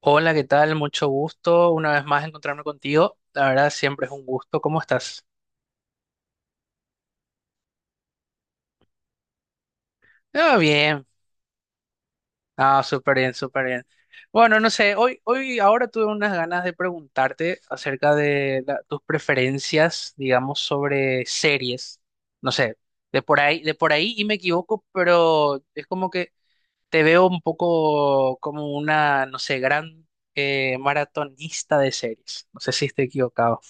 Hola, ¿qué tal? Mucho gusto una vez más encontrarme contigo. La verdad, siempre es un gusto. ¿Cómo estás? Ah, bien. Ah, súper bien, súper bien. Bueno, no sé, hoy, ahora tuve unas ganas de preguntarte acerca de tus preferencias, digamos, sobre series. No sé, de por ahí y me equivoco, pero es como que te veo un poco como una, no sé, gran maratonista de series. No sé si estoy equivocado.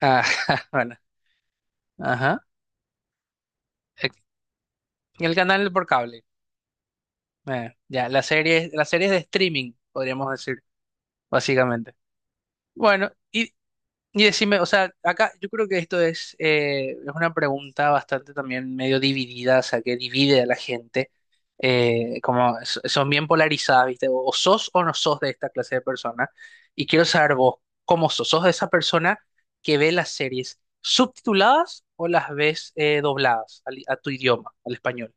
Ah, bueno, ajá. El canal por cable. Ya, las series de streaming, podríamos decir, básicamente. Bueno, y decime, o sea, acá yo creo que esto es, es una pregunta bastante también medio dividida, o sea, que divide a la gente. Como son bien polarizadas, ¿viste? O sos o no sos de esta clase de persona. Y quiero saber vos, ¿cómo sos? ¿Sos de esa persona que ve las series subtituladas o las ves dobladas a tu idioma, al español?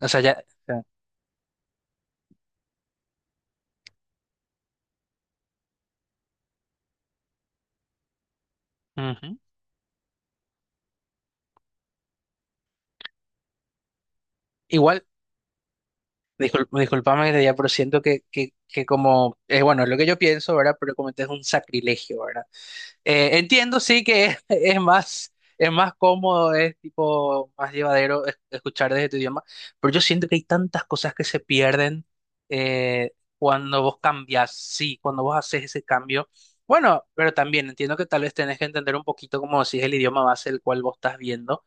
O sea, ya. O sea, ujú. Igual. Disculpame que te pero siento que, que como, bueno, es lo que yo pienso, ¿verdad? Pero como este es un sacrilegio, ¿verdad? Entiendo, sí, que es más cómodo, es tipo más llevadero, escuchar desde tu idioma, pero yo siento que hay tantas cosas que se pierden, eh, cuando vos cambias, sí, cuando vos haces ese cambio. Bueno, pero también entiendo que tal vez tenés que entender un poquito como si es el idioma base el cual vos estás viendo,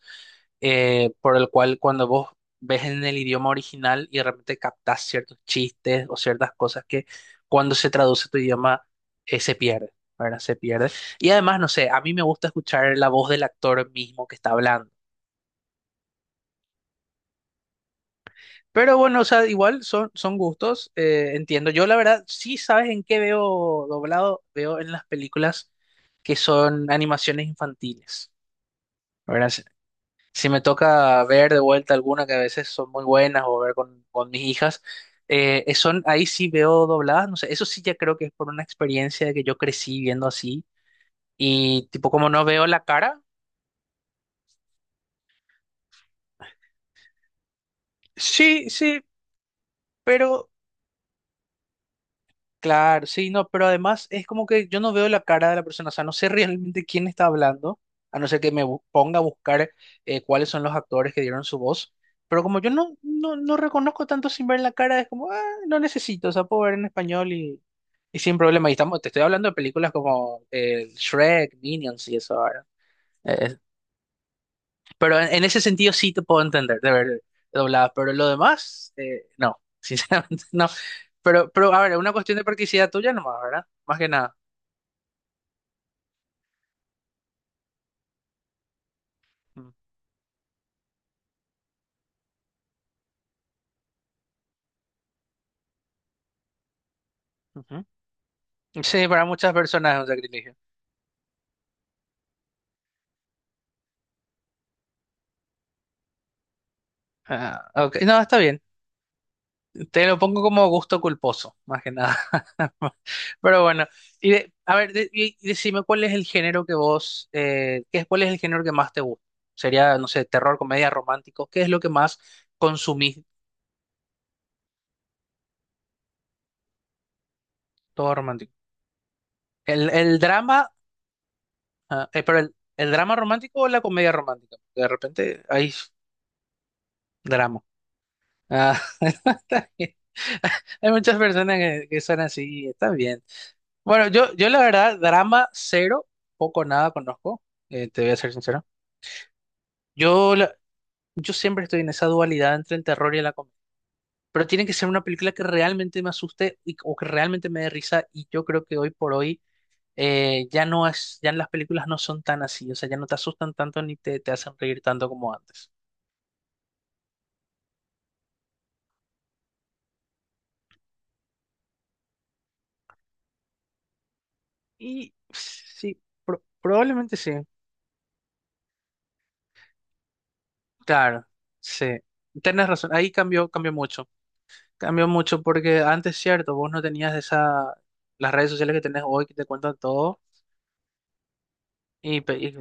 por el cual cuando vos ves en el idioma original y de repente captás ciertos chistes o ciertas cosas que cuando se traduce a tu idioma se pierde, ¿verdad? Se pierde. Y además, no sé, a mí me gusta escuchar la voz del actor mismo que está hablando. Pero bueno, o sea, igual son gustos, entiendo. Yo la verdad, sí sabes en qué veo doblado, veo en las películas que son animaciones infantiles, ¿verdad? Si me toca ver de vuelta alguna que a veces son muy buenas o ver con mis hijas, son, ahí sí veo dobladas, no sé, eso sí ya creo que es por una experiencia de que yo crecí viendo así y tipo como no veo la cara, sí, sí, pero claro, sí, no, pero además es como que yo no veo la cara de la persona, o sea, no sé realmente quién está hablando, a no ser que me ponga a buscar cuáles son los actores que dieron su voz, pero como yo no reconozco tanto sin ver la cara, es como, ah, no necesito, o sea, puedo ver en español y sin problema, y estamos, te estoy hablando de películas como Shrek, Minions y eso ahora, pero en ese sentido sí te puedo entender de ver doblada, pero lo demás, no, sinceramente no. Pero a ver, una cuestión de practicidad tuya nomás, ¿verdad? Más que nada. Mm, ujú. Sí, para muchas personas es un sacrificio. Ah, ok. No, está bien. Te lo pongo como gusto culposo, más que nada. Pero bueno, y a ver, y decime cuál es el género que vos, ¿ cuál es el género que más te gusta? Sería, no sé, terror, comedia, romántico. ¿Qué es lo que más consumís? ¿Todo romántico? ¿El drama? Ah, pero el drama romántico o la comedia romántica, porque de repente hay drama. Ah, está bien. Hay muchas personas que son así, está bien. Bueno, yo la verdad, drama cero, poco o nada conozco, te voy a ser sincero. Yo, la- yo siempre estoy en esa dualidad entre el terror y la comedia. Pero tiene que ser una película que realmente me asuste o que realmente me dé risa. Y yo creo que hoy por hoy ya las películas no son tan así. O sea, ya no te asustan tanto ni te hacen reír tanto como antes. Y sí, probablemente sí. Claro, sí. Tienes razón. Ahí cambió, cambió mucho. Cambió mucho porque antes, cierto, vos no tenías esa, las redes sociales que tenés hoy que te cuentan todo. Y, pe- y-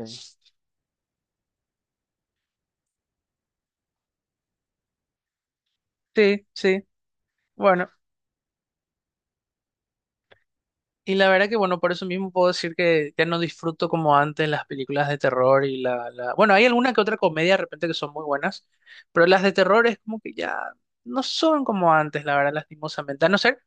sí, sí. Bueno, y la verdad que, bueno, por eso mismo puedo decir que ya no disfruto como antes las películas de terror Bueno, hay alguna que otra comedia de repente que son muy buenas, pero las de terror es como que ya no son como antes, la verdad, lastimosamente. A no ser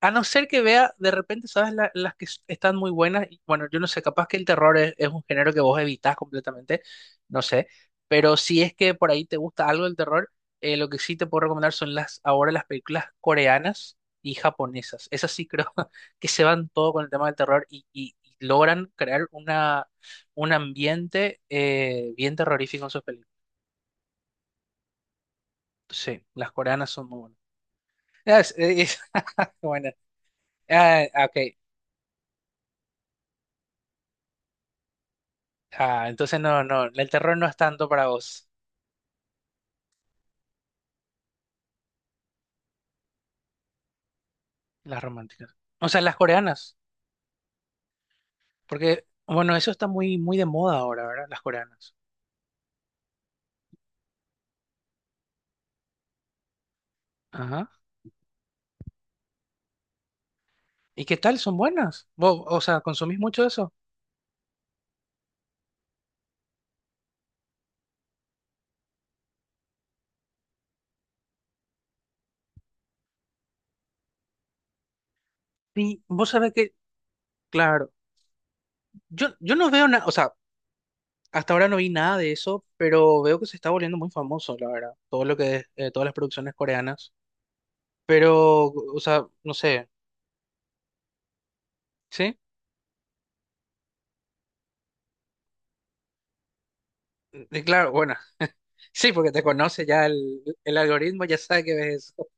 A no ser que vea, de repente, ¿sabes? Las que están muy buenas. Y bueno, yo no sé, capaz que el terror es un género que vos evitás completamente, no sé. Pero si es que por ahí te gusta algo del terror, lo que sí te puedo recomendar son ahora las películas coreanas y japonesas. Esas sí creo que se van todo con el tema del terror y, y logran crear un ambiente bien terrorífico en sus películas. Sí, las coreanas son muy buenas. Ah, bueno, ah, ok. Ah, entonces no, no, el terror no es tanto para vos. Las románticas. O sea, las coreanas, porque, bueno, eso está muy, muy de moda ahora, ¿verdad? Las coreanas. Ajá. ¿Y qué tal? ¿Son buenas? ¿Vos, o sea, consumís mucho eso? Y vos sabés que, claro, yo no veo nada, o sea, hasta ahora no vi nada de eso, pero veo que se está volviendo muy famoso, la verdad, todo lo que es, todas las producciones coreanas. Pero, o sea, no sé, ¿sí? Y claro, bueno, sí, porque te conoce ya el algoritmo, ya sabe que ves eso.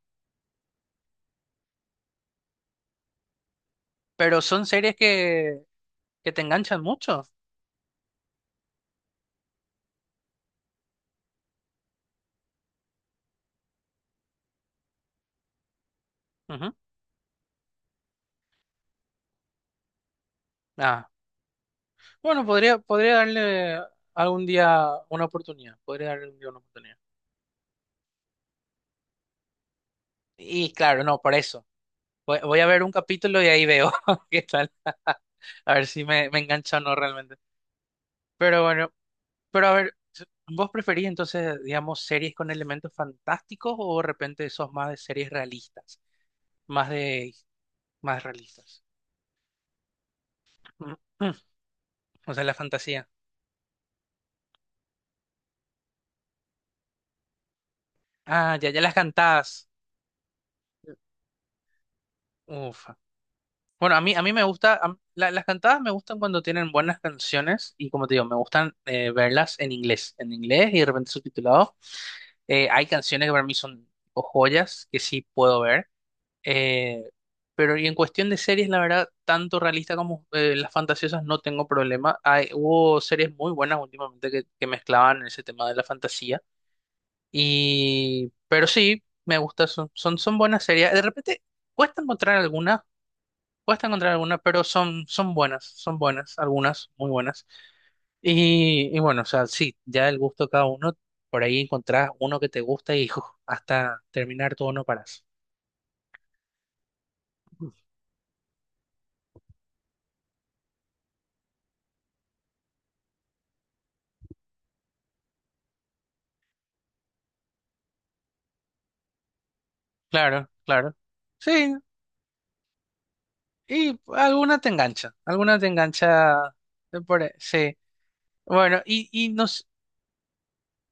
Pero son series que te enganchan mucho. Ujú. Ah, bueno, podría darle algún día una oportunidad. Podría darle un día una oportunidad. Y claro, no, por eso. Voy a ver un capítulo y ahí veo qué tal. A ver si me engancha o no realmente. Pero bueno, pero a ver, ¿vos preferís entonces, digamos, series con elementos fantásticos o de repente sos más de series realistas? Más de, más realistas. Mm, mm. O sea, la fantasía. Ah, ya, ya las cantás. Uf. Bueno, a mí, me gusta, las cantadas me gustan cuando tienen buenas canciones y como te digo, me gustan verlas en inglés y de repente subtitulado. Hay canciones que para mí son tipo joyas que sí puedo ver, eh, pero y en cuestión de series, la verdad, tanto realista como las fantasiosas no tengo problema. Hubo series muy buenas últimamente que mezclaban ese tema de la fantasía pero sí, me gusta, son buenas series. De repente cuesta encontrar algunas. Cuesta encontrar algunas, pero son buenas, son buenas, algunas muy buenas. Y bueno, o sea, sí, ya el gusto de cada uno, por ahí encontrás uno que te gusta y uf, hasta terminar todo no paras. Claro, claro. Sí, y alguna te engancha, alguna te engancha. Por ahí, sí. Bueno, y no.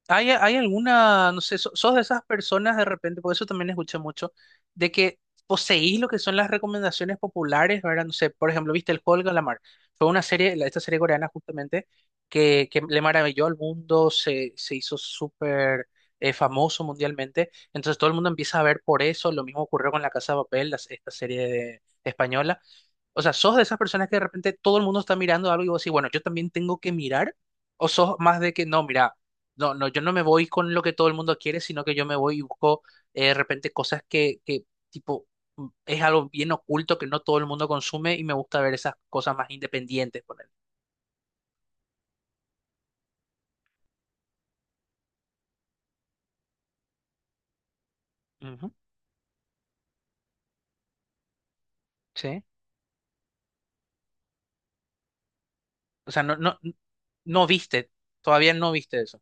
¿Hay alguna, no sé, sos de esas personas de repente, por eso también escuché mucho, de que poseís lo que son las recomendaciones populares, ¿verdad? No sé, por ejemplo, viste El Juego del Calamar. Fue una serie, esta serie coreana justamente, que le maravilló al mundo, se hizo súper famoso mundialmente. Entonces todo el mundo empieza a ver por eso. Lo mismo ocurrió con La Casa de Papel, esta serie española. O sea, ¿sos de esas personas que de repente todo el mundo está mirando algo y vos decís, bueno, yo también tengo que mirar? ¿O sos más de que no, mira, no, no, yo no me voy con lo que todo el mundo quiere, sino que yo me voy y busco de repente cosas que tipo, es algo bien oculto que no todo el mundo consume y me gusta ver esas cosas más independientes, por. Ujú, sí. O sea, no, no, no viste, todavía no viste eso.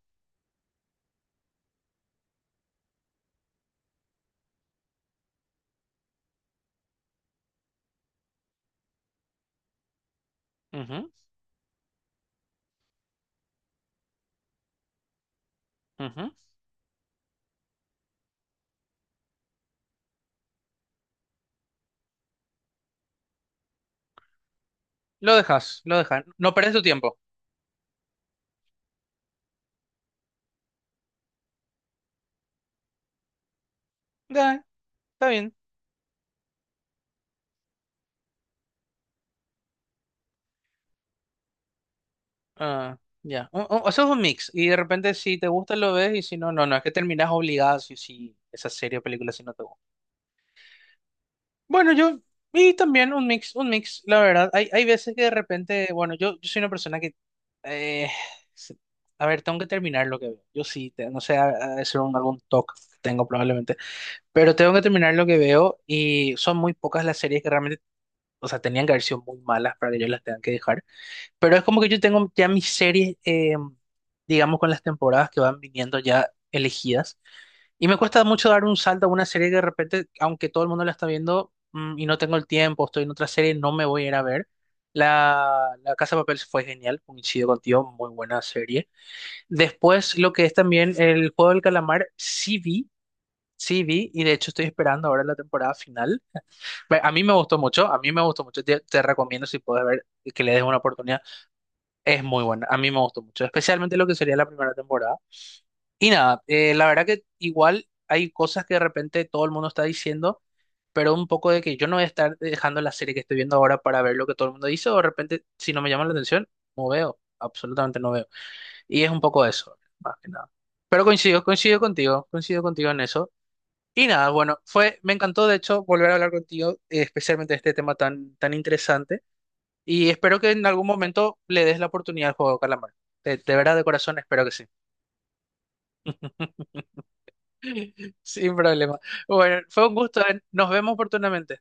Ujú, ujú. Lo dejas, no perdes tu tiempo. Ya, está bien. Ah, ya, eso es un mix y de repente si te gusta lo ves y si no, no, no, es que terminas obligado si esa serie o película si no te gusta. Bueno, y también un mix, la verdad. Hay veces que de repente, bueno, yo soy una persona que, eh, se- a ver, tengo que terminar lo que veo. Yo sí, no sé, es algún TOC que tengo probablemente, pero tengo que terminar lo que veo y son muy pocas las series que realmente, o sea, tenían que haber sido muy malas para que yo las tenga que dejar. Pero es como que yo tengo ya mis series, digamos, con las temporadas que van viniendo ya elegidas. Y me cuesta mucho dar un salto a una serie que de repente, aunque todo el mundo la está viendo, y no tengo el tiempo, estoy en otra serie, no me voy a ir a ver. La Casa de Papel fue genial, coincido contigo, muy buena serie. Después, lo que es también el Juego del Calamar, sí vi, y de hecho estoy esperando ahora la temporada final. A mí me gustó mucho, a mí me gustó mucho, te recomiendo si puedes ver que le des una oportunidad, es muy buena, a mí me gustó mucho, especialmente lo que sería la primera temporada. Y nada, la verdad que igual hay cosas que de repente todo el mundo está diciendo, pero un poco de que yo no voy a estar dejando la serie que estoy viendo ahora para ver lo que todo el mundo dice, o de repente si no me llama la atención, no veo, absolutamente no veo. Y es un poco eso, más que nada. Pero coincido, coincido contigo en eso. Y nada, bueno, me encantó de hecho volver a hablar contigo, especialmente de este tema tan, tan interesante, y espero que en algún momento le des la oportunidad al juego de calamar. De verdad, de corazón, espero que sí. Sin problema. Bueno, fue un gusto, ¿eh? Nos vemos oportunamente.